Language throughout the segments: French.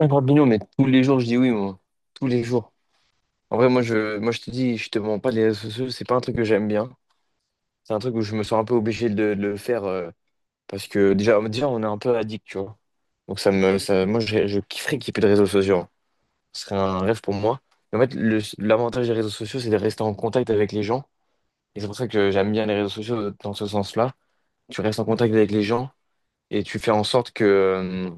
Un Grappino, mais tous les jours, je dis oui, moi. Tous les jours. En vrai, moi, je te dis, je te mens pas, les réseaux sociaux, c'est pas un truc que j'aime bien. C'est un truc où je me sens un peu obligé de le faire parce que déjà, on est un peu addict, tu vois. Donc, ça me, ça, moi, je kifferais qu'il y ait plus de réseaux sociaux, hein. Ce serait un rêve pour moi. Mais en fait, l'avantage des réseaux sociaux, c'est de rester en contact avec les gens. Et c'est pour ça que j'aime bien les réseaux sociaux dans ce sens-là. Tu restes en contact avec les gens et tu fais en sorte que, euh,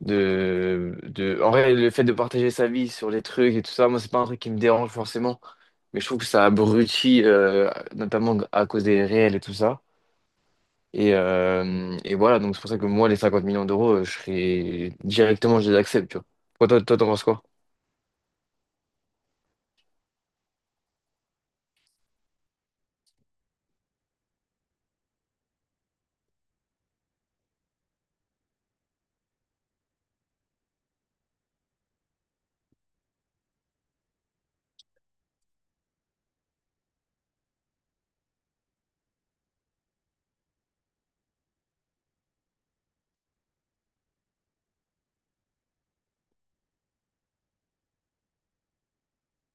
De, de... En vrai, le fait de partager sa vie sur les trucs et tout ça, moi, c'est pas un truc qui me dérange forcément. Mais je trouve que ça abrutit, notamment à cause des réels et tout ça. Et voilà, donc c'est pour ça que moi, les 50 millions d'euros, je serais directement, je les accepte, tu vois. Toi, toi, toi, t'en penses quoi?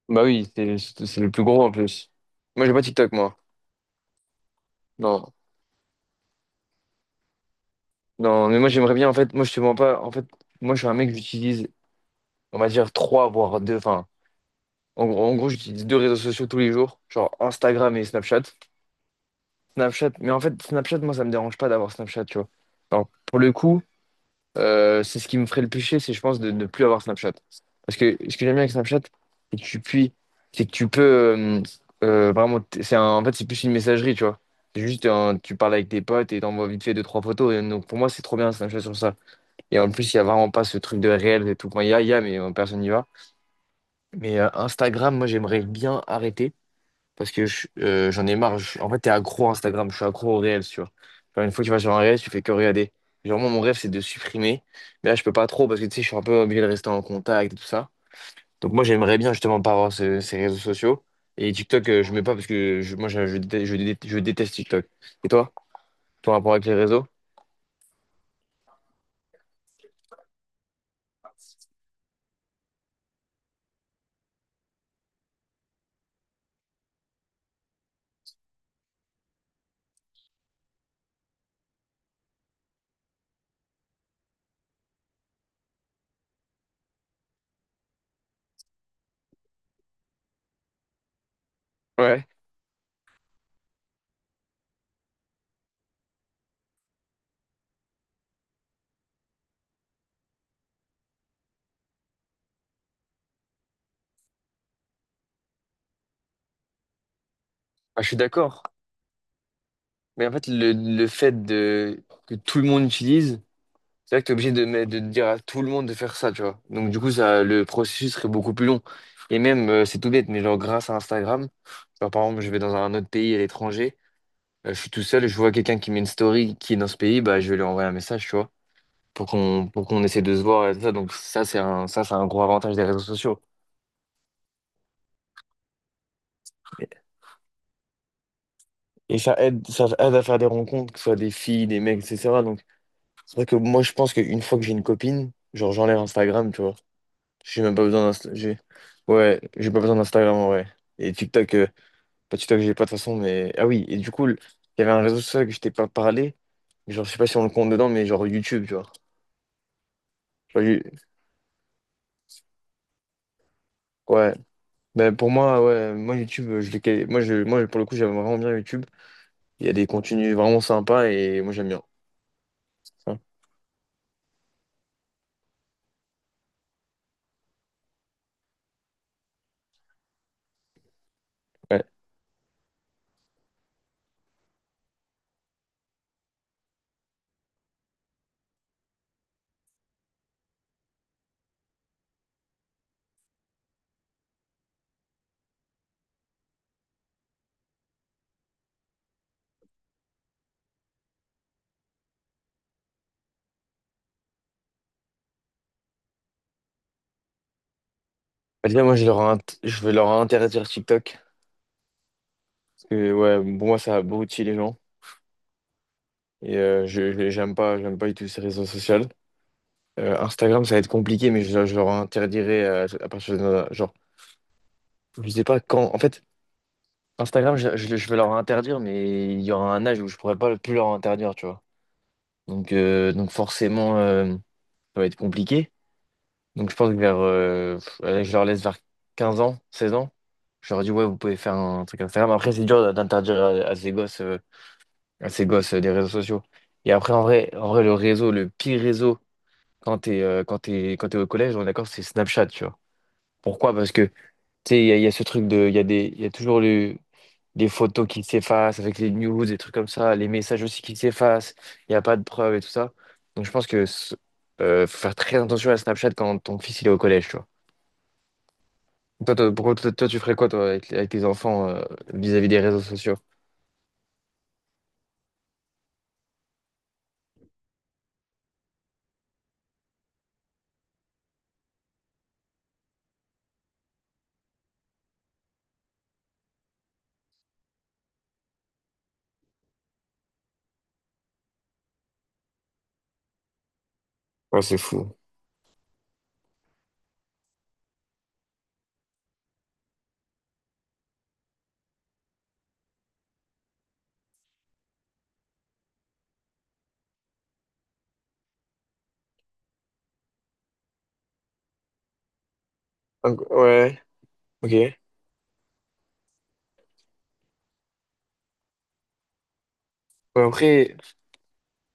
Bah oui, c'est le plus gros en plus. Moi, j'ai pas TikTok, moi. Non. Non, mais moi, j'aimerais bien, en fait, moi, je te mens pas. En fait, moi, je suis un mec, j'utilise, on va dire, trois, voire deux. En gros, j'utilise deux réseaux sociaux tous les jours, genre Instagram et Snapchat. Snapchat, mais en fait, Snapchat, moi, ça me dérange pas d'avoir Snapchat, tu vois. Alors, pour le coup, c'est ce qui me ferait le péché c'est, je pense, de ne plus avoir Snapchat. Parce que ce que j'aime bien avec Snapchat, c'est que tu puis, c'est que tu peux euh, vraiment, en fait, c'est plus une messagerie, tu vois. C'est juste, tu parles avec tes potes et t'envoies vite fait deux, trois photos. Et donc, pour moi, c'est trop bien Snapchat sur ça. Et en plus, il y a vraiment pas ce truc de réel et tout. Enfin, il y a, mais personne n'y va. Mais Instagram, moi, j'aimerais bien arrêter. Parce que j'en ai marre. En fait, t'es accro à Instagram. Je suis accro au réel, tu vois. Genre, une fois que tu vas sur un réel, tu fais que regarder. Genre, moi, mon rêve, c'est de supprimer. Mais là, je peux pas trop parce que tu sais, je suis un peu obligé de rester en contact et tout ça. Donc, moi, j'aimerais bien justement pas avoir ces réseaux sociaux. Et TikTok, je mets pas parce que déteste, je déteste je déteste TikTok. Et toi, ton rapport avec les réseaux? Ouais. Ah, je suis d'accord. Mais en fait, le fait de, que tout le monde utilise. C'est vrai que t'es obligé de dire à tout le monde de faire ça, tu vois. Donc du coup, ça, le processus serait beaucoup plus long. Et même, c'est tout bête, mais genre grâce à Instagram, genre par exemple, je vais dans un autre pays à l'étranger, je suis tout seul, je vois quelqu'un qui met une story qui est dans ce pays, bah je vais lui envoyer un message, tu vois, pour qu'on essaie de se voir et tout ça. Donc ça, c'est un gros avantage des réseaux sociaux. Et ça aide à faire des rencontres, que ce soit des filles, des mecs, etc. Donc c'est vrai que moi, je pense qu'une fois que j'ai une copine, genre j'enlève Instagram, tu vois. J'ai même pas besoin d'Insta. Ouais, j'ai pas besoin d'Instagram en vrai. Et TikTok, pas TikTok, j'ai pas de toute façon, mais. Ah oui, et du coup, il y avait un réseau social que je t'ai pas parlé. Genre, je sais pas si on le compte dedans, mais genre YouTube, tu vois. Genre, ouais. Ben, pour moi, ouais, moi YouTube, je l'ai quali- moi, je... moi, pour le coup, j'aime vraiment bien YouTube. Il y a des contenus vraiment sympas et moi, j'aime bien. Hein. Ouais. Bah, déjà, moi, je vais leur interdire TikTok. Parce que, ouais, pour moi, ça abrutit les gens. Et j'aime pas du tout ces réseaux sociaux. Instagram, ça va être compliqué, mais je leur interdirai à partir de. Genre, je sais pas quand. En fait, Instagram, je vais leur interdire, mais il y aura un âge où je pourrais pas plus leur interdire, tu vois. Donc forcément, ça va être compliqué. Donc, je pense que allez, je leur laisse vers 15 ans, 16 ans. Je leur dis, ouais, vous pouvez faire un truc Instagram. Après, c'est dur d'interdire à ces gosses, des réseaux sociaux. Et après, en vrai, le pire réseau quand t'es au collège, on est d'accord, c'est Snapchat, tu vois. Pourquoi? Parce que tu sais, il y a ce truc de, il y a toujours le, des photos qui s'effacent avec les news, des trucs comme ça, les messages aussi qui s'effacent, il n'y a pas de preuves et tout ça. Donc je pense que faut faire très attention à Snapchat quand ton fils il est au collège, tu vois. Toi, tu ferais quoi toi, avec tes enfants vis-à-vis des réseaux sociaux? Ouais, c'est fou. Donc, ouais, ok. Ouais, après,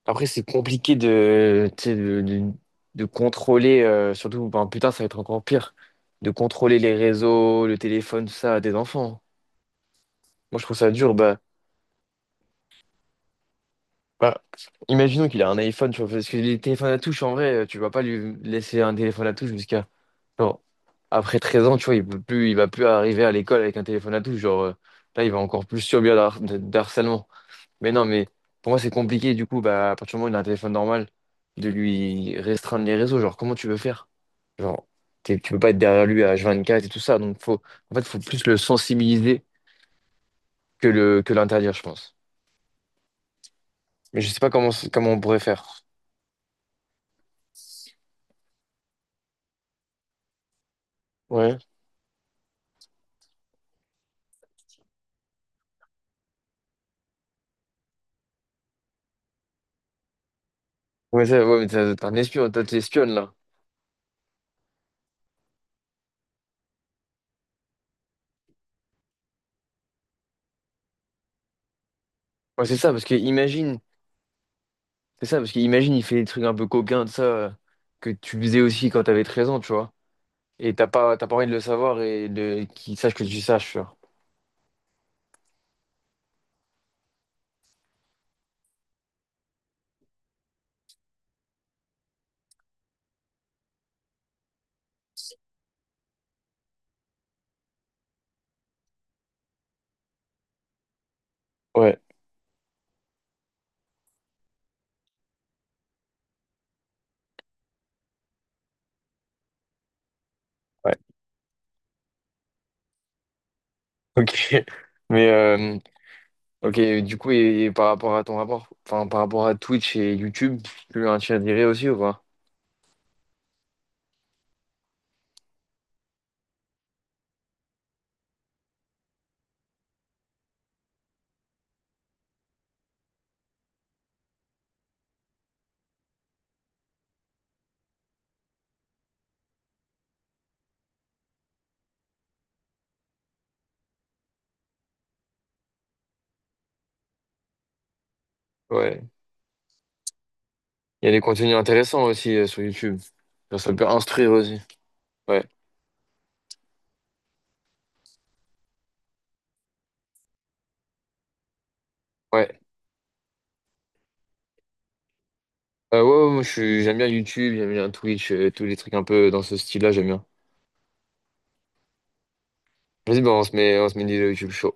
après c'est compliqué de, tu sais, de contrôler, surtout, ben, putain, ça va être encore pire, de contrôler les réseaux, le téléphone, tout ça, à des enfants. Moi, je trouve ça dur. Bah, imaginons qu'il a un iPhone, tu vois, parce que les téléphones à touche, en vrai, tu vas pas lui laisser un téléphone à touche jusqu'à, genre, après 13 ans, tu vois, il peut plus, il va plus arriver à l'école avec un téléphone à touche. Genre, là, il va encore plus subir d'harcèlement. Mais non, mais pour moi, c'est compliqué, du coup, bah, à partir du moment où il a un téléphone normal, de lui restreindre les réseaux. Genre, comment tu veux faire? Genre, tu peux pas être derrière lui à H24 et tout ça. Donc, faut, en fait, faut plus le sensibiliser que l'interdire, je pense. Mais je sais pas comment on pourrait faire. Ouais, ça, ouais, mais t'es un espion, toi, t'es espionne, là. Ouais, c'est ça, parce que imagine, c'est ça, parce que imagine, il fait des trucs un peu coquins de ça, que tu faisais aussi quand t'avais 13 ans, tu vois. Et t'as pas envie de le savoir et de, qu'il sache que tu saches, tu vois. Ouais, ouais, ok. Mais, ok, du coup, et par rapport à ton rapport, enfin, par rapport à Twitch et YouTube, tu as dirais aussi ou pas? Ouais. Il y a des contenus intéressants aussi sur YouTube. Genre, ça peut instruire aussi. Ouais, ouais. Ouais, ouais, moi j'aime bien YouTube, j'aime bien Twitch, tous les trucs un peu dans ce style-là, j'aime bien. Vas-y, bah, on se met des YouTube show.